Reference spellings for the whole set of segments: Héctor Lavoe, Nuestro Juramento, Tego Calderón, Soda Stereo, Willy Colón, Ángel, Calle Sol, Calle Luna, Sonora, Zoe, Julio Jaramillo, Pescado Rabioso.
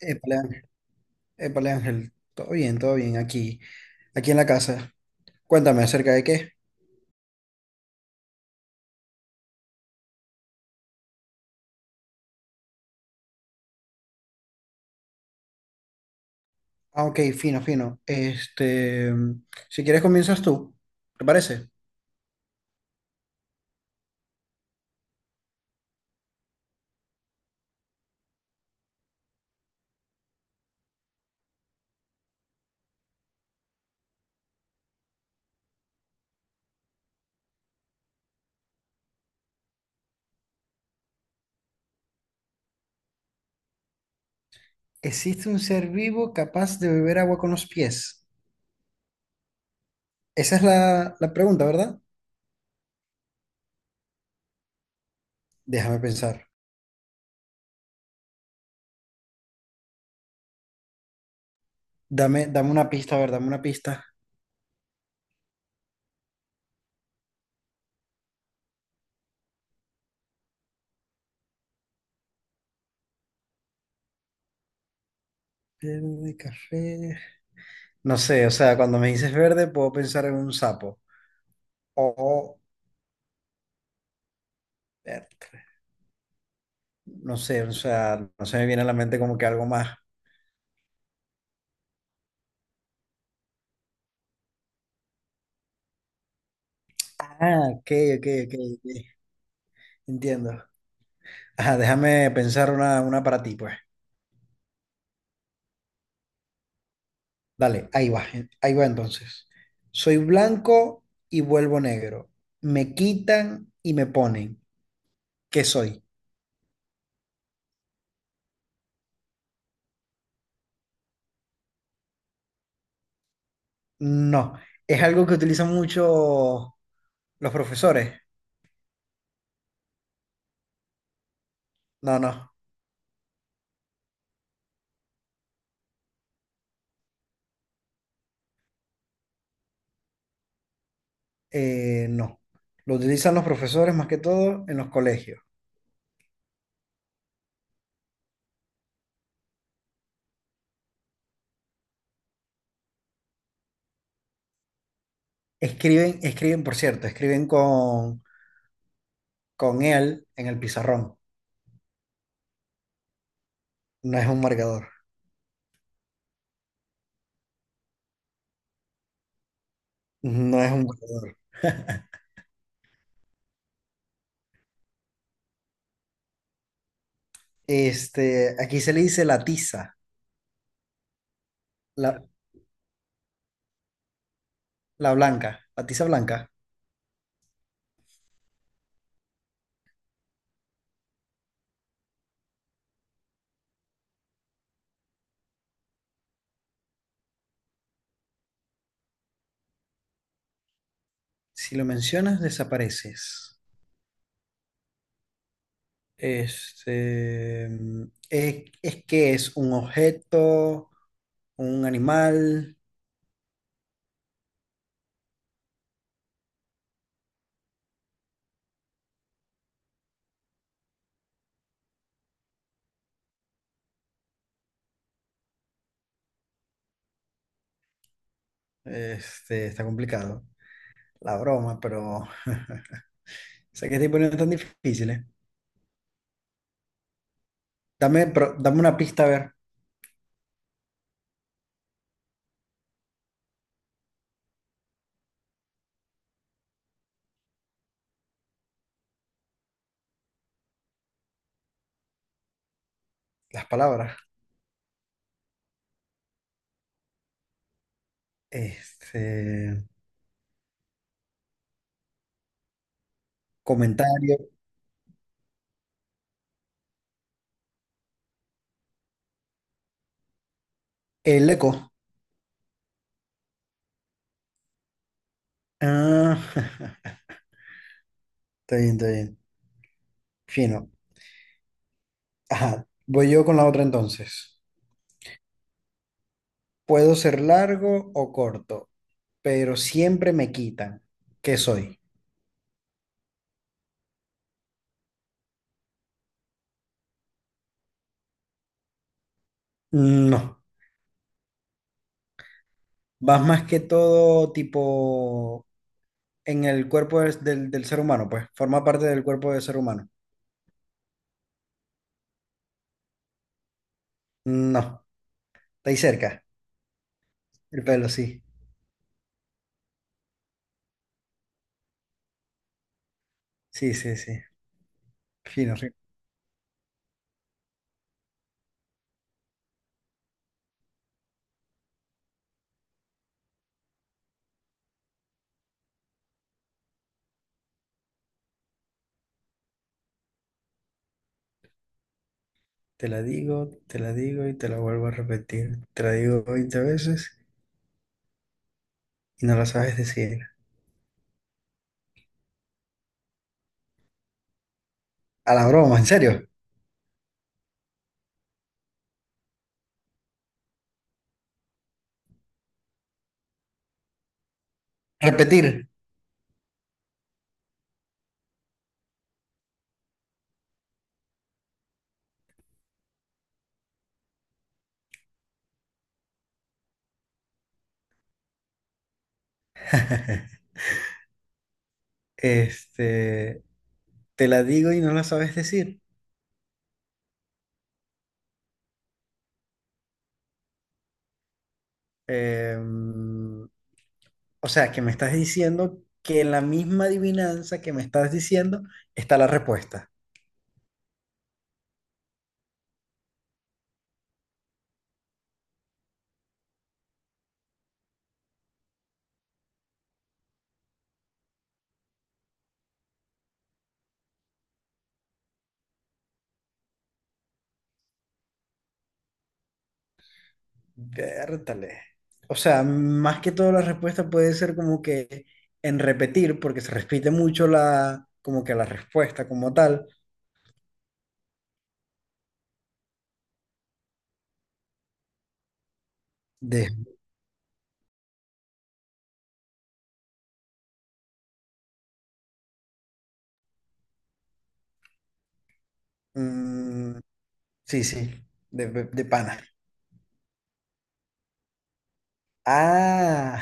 Épale, Ángel. Épale, Ángel. Todo bien aquí, en la casa. Cuéntame acerca de qué. Ah, ok, fino, fino. Si quieres comienzas tú, ¿te parece? ¿Existe un ser vivo capaz de beber agua con los pies? Esa es la pregunta, ¿verdad? Déjame pensar. Dame una pista, a ver, dame una pista. Verde, café. No sé, o sea, cuando me dices verde puedo pensar en un sapo. O, o- verde. No sé, o sea, no se me viene a la mente como que algo más. Ah, ok, ok. Entiendo. Ajá, déjame pensar una para ti, pues. Dale, ahí va entonces. Soy blanco y vuelvo negro. Me quitan y me ponen. ¿Qué soy? No. Es algo que utilizan mucho los profesores. No, no. No. Lo utilizan los profesores más que todo en los colegios. Escriben, escriben, por cierto, escriben con él en el pizarrón. No es un marcador. No es un marcador. Este, aquí se le dice la tiza, la, la blanca, la tiza blanca. Si lo mencionas, desapareces. Este, es que es un objeto, un animal, este, está complicado. La broma, pero sé que estoy poniendo tan difíciles. Dame, pero dame una pista a ver las palabras. Este, comentario, el eco. Ah, está bien, está bien. Fino. Ajá, voy yo con la otra entonces. Puedo ser largo o corto, pero siempre me quitan. ¿Qué soy? No, vas más que todo tipo en el cuerpo del ser humano, pues forma parte del cuerpo del ser humano. No, está ahí cerca, el pelo, sí. Sí, sí, sí. Fino, fino. Te la digo y te la vuelvo a repetir. Te la digo 20 veces y no la sabes decir. A la broma, ¿en serio? Repetir. Este, te la digo y no la sabes decir. Em, o sea, que me estás diciendo que en la misma adivinanza que me estás diciendo está la respuesta. Vértale. O sea, más que todo la respuesta puede ser como que en repetir, porque se repite mucho como que la respuesta como tal de... Mm, sí, sí, de pana. Ah,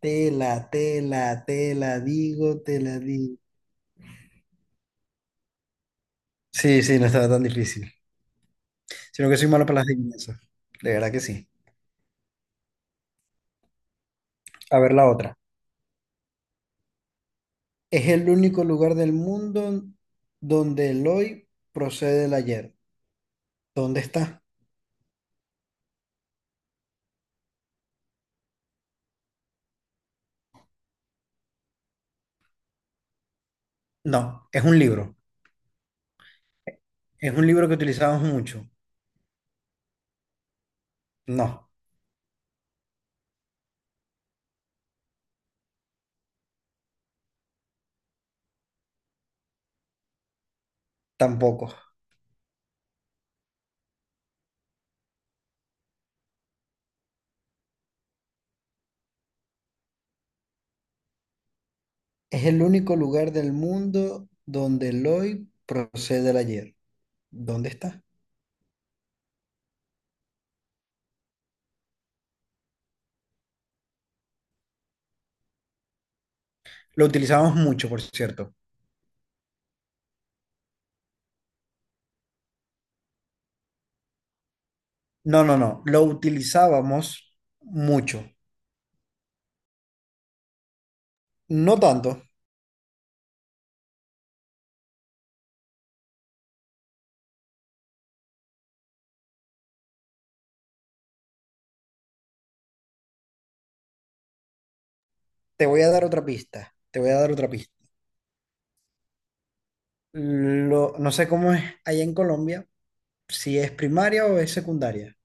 te la digo, te la digo. Sí, sí, no estaba tan difícil. Sino que soy malo para las adivinanzas. De verdad que sí. A ver la otra. Es el único lugar del mundo donde el hoy procede del ayer. ¿Dónde está? No, es un libro. Es un libro que utilizamos mucho. No, tampoco. Es el único lugar del mundo donde el hoy procede del ayer. ¿Dónde está? Lo utilizábamos mucho, por cierto. No, no, no. Lo utilizábamos mucho. No tanto. Te voy a dar otra pista. Te voy a dar otra pista. Lo, no sé cómo es allá en Colombia, si es primaria o es secundaria.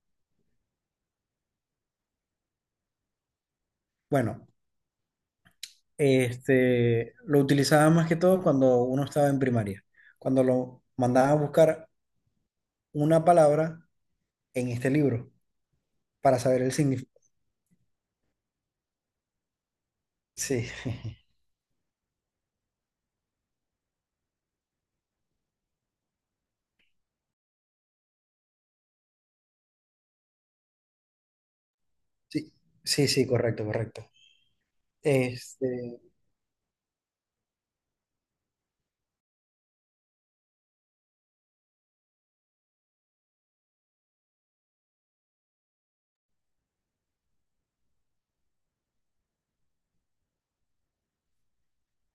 Bueno, este, lo utilizaba más que todo cuando uno estaba en primaria, cuando lo mandaban a buscar una palabra en este libro para saber el significado. Sí, sí, sí, sí, correcto, correcto. Este,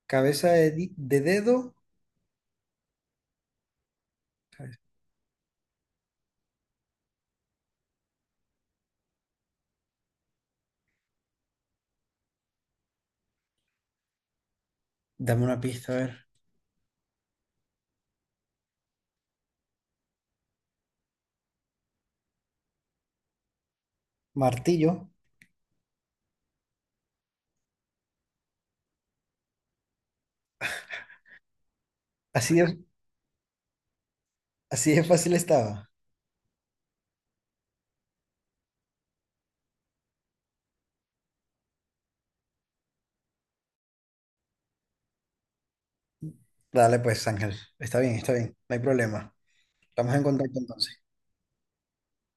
de dedo. Cabeza, dame una pista, a ver. Martillo, así de, así de fácil estaba. Dale pues, Ángel, está bien, no hay problema. Estamos en contacto entonces.